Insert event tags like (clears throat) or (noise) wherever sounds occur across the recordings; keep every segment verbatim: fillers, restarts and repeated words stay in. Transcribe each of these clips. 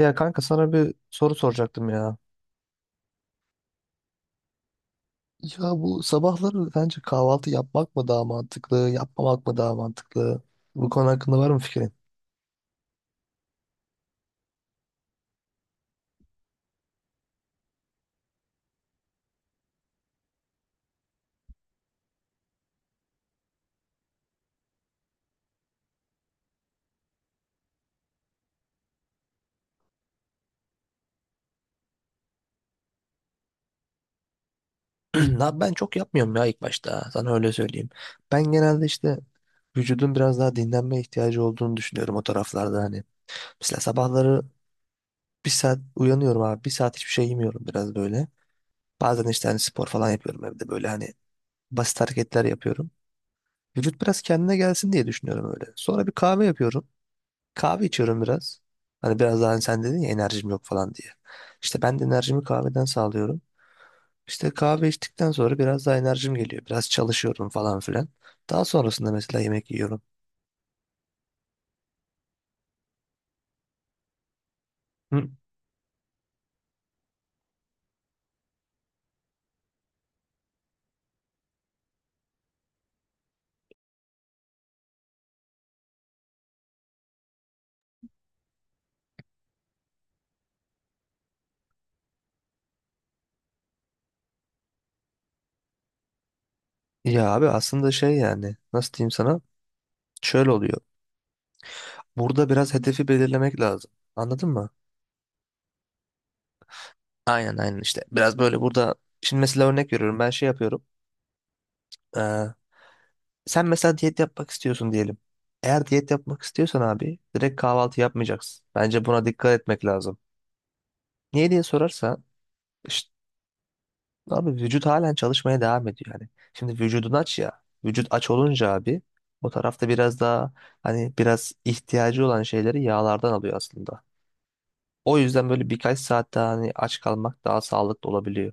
Ya kanka sana bir soru soracaktım ya. Ya bu sabahları bence kahvaltı yapmak mı daha mantıklı, yapmamak mı daha mantıklı? Bu konu hakkında var mı fikrin? (clears throat) Ya ben çok yapmıyorum ya ilk başta. Sana öyle söyleyeyim. Ben genelde işte vücudun biraz daha dinlenme ihtiyacı olduğunu düşünüyorum o taraflarda hani. Mesela sabahları bir saat uyanıyorum abi. Bir saat hiçbir şey yemiyorum biraz böyle. Bazen işte hani spor falan yapıyorum evde böyle hani basit hareketler yapıyorum. Vücut biraz kendine gelsin diye düşünüyorum öyle. Sonra bir kahve yapıyorum. Kahve içiyorum biraz. Hani biraz daha hani sen dedin ya enerjim yok falan diye. İşte ben de enerjimi kahveden sağlıyorum. İşte kahve içtikten sonra biraz daha enerjim geliyor. Biraz çalışıyorum falan filan. Daha sonrasında mesela yemek yiyorum. Hı. Ya abi aslında şey yani nasıl diyeyim sana? Şöyle oluyor. Burada biraz hedefi belirlemek lazım. Anladın mı? Aynen aynen işte. Biraz böyle burada şimdi mesela örnek veriyorum. Ben şey yapıyorum. Sen mesela diyet yapmak istiyorsun diyelim. Eğer diyet yapmak istiyorsan abi direkt kahvaltı yapmayacaksın. Bence buna dikkat etmek lazım. Niye diye sorarsan işte abi vücut halen çalışmaya devam ediyor yani. Şimdi vücudun aç ya. Vücut aç olunca abi o tarafta biraz daha hani biraz ihtiyacı olan şeyleri yağlardan alıyor aslında. O yüzden böyle birkaç saat daha hani aç kalmak daha sağlıklı olabiliyor.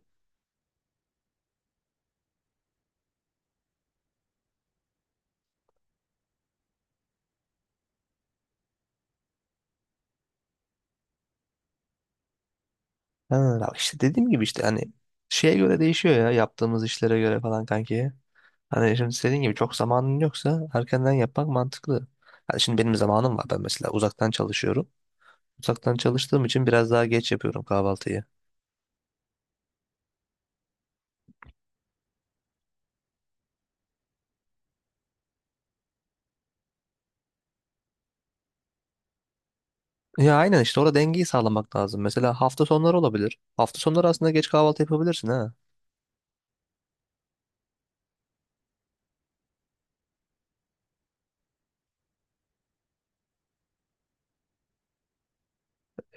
Ha, bak işte dediğim gibi işte hani şeye göre değişiyor ya yaptığımız işlere göre falan kanki. Hani şimdi senin gibi çok zamanın yoksa erkenden yapmak mantıklı. Hani şimdi benim zamanım var, ben mesela uzaktan çalışıyorum. Uzaktan çalıştığım için biraz daha geç yapıyorum kahvaltıyı. Ya aynen işte orada dengeyi sağlamak lazım. Mesela hafta sonları olabilir. Hafta sonları aslında geç kahvaltı yapabilirsin ha.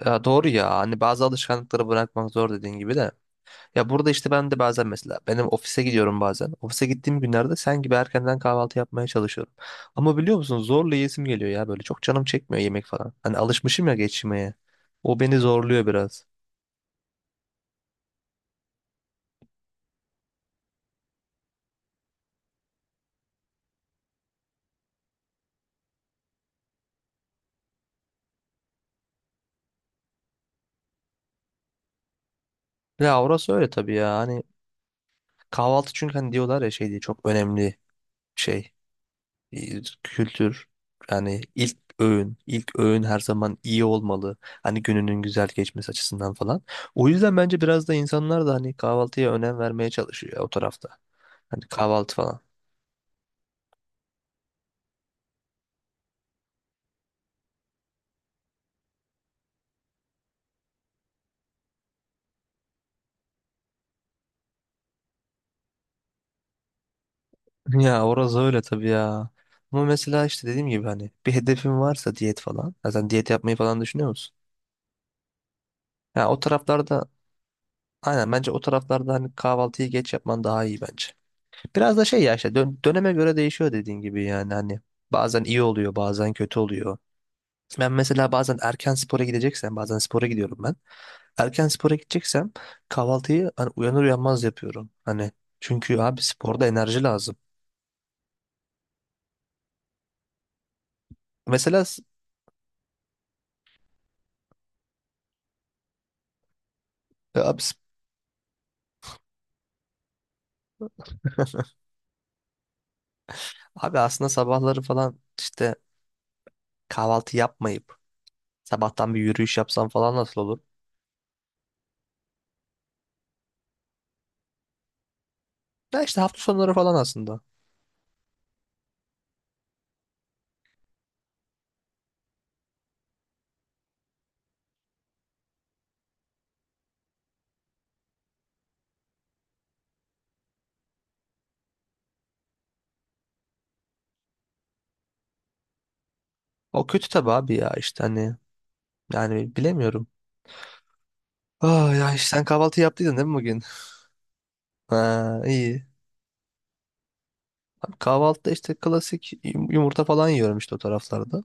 Ya doğru ya, hani bazı alışkanlıkları bırakmak zor dediğin gibi de. Ya burada işte ben de bazen mesela benim ofise gidiyorum bazen. Ofise gittiğim günlerde sen gibi erkenden kahvaltı yapmaya çalışıyorum. Ama biliyor musun zorla yesim geliyor ya, böyle çok canım çekmiyor yemek falan. Hani alışmışım ya geçmeye. O beni zorluyor biraz. Ya orası öyle tabii ya, hani kahvaltı çünkü hani diyorlar ya şey diye çok önemli şey e, kültür. Yani ilk öğün, ilk öğün her zaman iyi olmalı. Hani gününün güzel geçmesi açısından falan. O yüzden bence biraz da insanlar da hani kahvaltıya önem vermeye çalışıyor ya o tarafta. Hani kahvaltı falan. (laughs) Ya orası öyle tabii ya. Ama mesela işte dediğim gibi hani bir hedefin varsa diyet falan. Zaten diyet yapmayı falan düşünüyor musun? Ya o taraflarda, aynen, bence o taraflarda hani kahvaltıyı geç yapman daha iyi bence. Biraz da şey ya işte dön- döneme göre değişiyor dediğin gibi, yani hani bazen iyi oluyor bazen kötü oluyor. Ben mesela bazen erken spora gideceksem, bazen spora gidiyorum ben. Erken spora gideceksem kahvaltıyı hani uyanır uyanmaz yapıyorum. Hani çünkü abi sporda enerji lazım. Mesela s- e, abi Abi aslında sabahları falan işte kahvaltı yapmayıp sabahtan bir yürüyüş yapsam falan nasıl olur? Ya işte hafta sonları falan aslında. O kötü tabii abi ya, işte hani yani bilemiyorum. Ah ya, işte sen kahvaltı yaptıydın değil mi bugün? (laughs) Ha, iyi. Abi kahvaltıda işte klasik yum- yumurta falan yiyorum işte o taraflarda.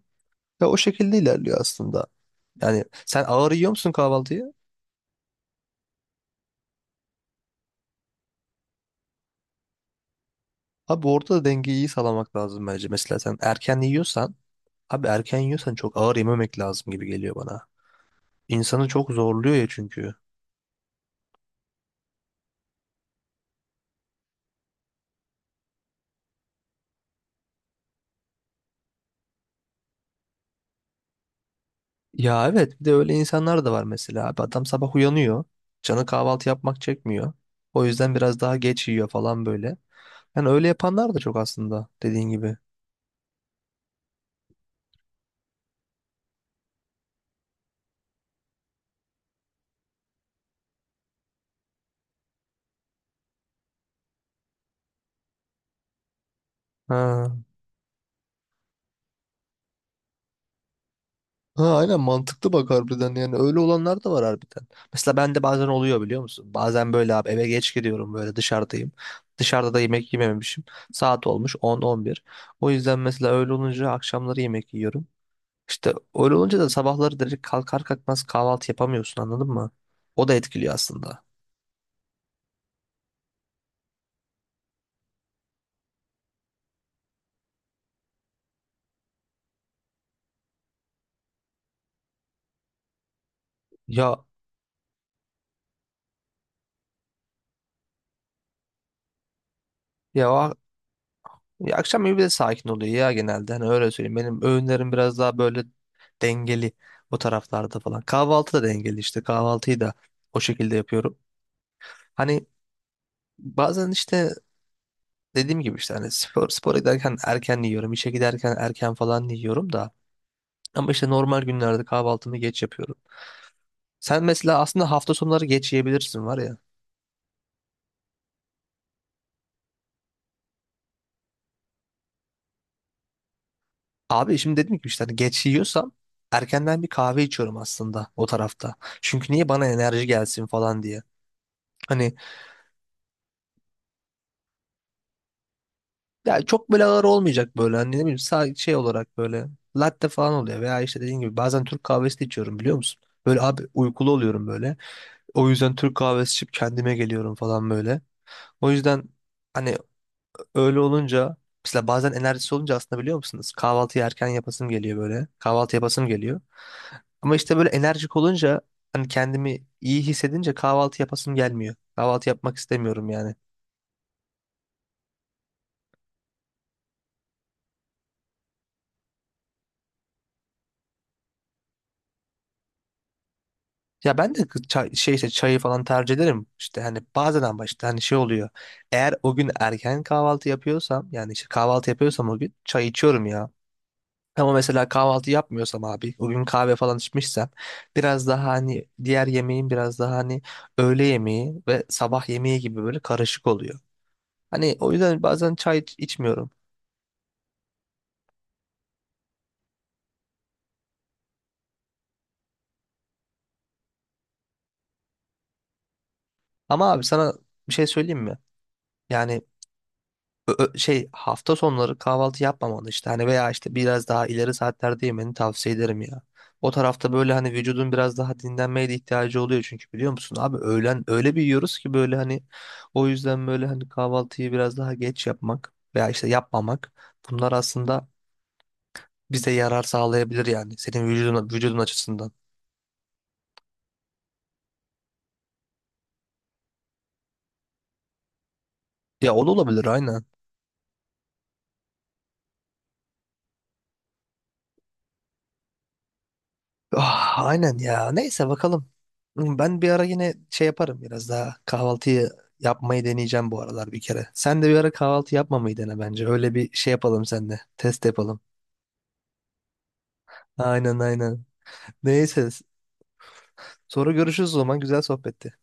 Ve o şekilde ilerliyor aslında. Yani sen ağır yiyor musun kahvaltıyı? Abi orada da dengeyi iyi sağlamak lazım bence. Mesela sen erken yiyorsan, abi erken yiyorsan çok ağır yememek lazım gibi geliyor bana. İnsanı çok zorluyor ya çünkü. Ya evet, bir de öyle insanlar da var mesela, abi adam sabah uyanıyor. Canı kahvaltı yapmak çekmiyor. O yüzden biraz daha geç yiyor falan böyle. Yani öyle yapanlar da çok aslında dediğin gibi. Ha. Ha, aynen, mantıklı bak, harbiden yani öyle olanlar da var harbiden. Mesela bende bazen oluyor biliyor musun? Bazen böyle abi eve geç gidiyorum, böyle dışarıdayım. Dışarıda da yemek yememişim. Saat olmuş on on bir. O yüzden mesela öyle olunca akşamları yemek yiyorum. İşte öyle olunca da sabahları direkt kalkar kalkmaz kahvaltı yapamıyorsun, anladın mı? O da etkiliyor aslında. Ya, ya, o- ya akşam evi de sakin oluyor ya genelde. Hani öyle söyleyeyim. Benim öğünlerim biraz daha böyle dengeli o taraflarda falan. Kahvaltı da dengeli işte. Kahvaltıyı da o şekilde yapıyorum. Hani bazen işte dediğim gibi işte hani spor, spora giderken erken yiyorum. İşe giderken erken falan yiyorum da. Ama işte normal günlerde kahvaltımı geç yapıyorum. Sen mesela aslında hafta sonları geç yiyebilirsin var ya. Abi şimdi dedim ki işte hani geç yiyorsam erkenden bir kahve içiyorum aslında o tarafta. Çünkü niye, bana enerji gelsin falan diye. Hani ya çok böyle ağır olmayacak böyle, hani ne bileyim, sa- şey olarak böyle latte falan oluyor, veya işte dediğim gibi bazen Türk kahvesi de içiyorum biliyor musun? Böyle abi uykulu oluyorum böyle. O yüzden Türk kahvesi içip kendime geliyorum falan böyle. O yüzden hani, öyle olunca mesela bazen enerjisi olunca aslında biliyor musunuz? Kahvaltıyı erken yapasım geliyor böyle. Kahvaltı yapasım geliyor. Ama işte böyle enerjik olunca hani kendimi iyi hissedince kahvaltı yapasım gelmiyor. Kahvaltı yapmak istemiyorum yani. Ya ben de kı- çay, şey işte çayı falan tercih ederim. İşte hani bazen ama işte hani şey oluyor. Eğer o gün erken kahvaltı yapıyorsam, yani işte kahvaltı yapıyorsam o gün çay içiyorum ya. Ama mesela kahvaltı yapmıyorsam abi, o gün kahve falan içmişsem biraz daha hani diğer yemeğin biraz daha hani öğle yemeği ve sabah yemeği gibi böyle karışık oluyor. Hani o yüzden bazen çay iç- içmiyorum. Ama abi sana bir şey söyleyeyim mi? Yani Ö- ö- şey, hafta sonları kahvaltı yapmamalı işte hani, veya işte biraz daha ileri saatlerde yemeni tavsiye ederim ya. O tarafta böyle hani vücudun biraz daha dinlenmeye de ihtiyacı oluyor çünkü biliyor musun abi öğlen öyle bir yiyoruz ki böyle hani, o yüzden böyle hani kahvaltıyı biraz daha geç yapmak veya işte yapmamak bunlar aslında bize yarar sağlayabilir yani senin vücudun, vücudun açısından. Ya o da olabilir aynen. Ah, aynen ya. Neyse, bakalım. Hmm, ben bir ara yine şey yaparım, biraz daha kahvaltıyı yapmayı deneyeceğim bu aralar bir kere. Sen de bir ara kahvaltı yapmamayı dene bence. Öyle bir şey yapalım seninle. Test yapalım. Aynen aynen. Neyse. Sonra görüşürüz o zaman. Güzel sohbetti.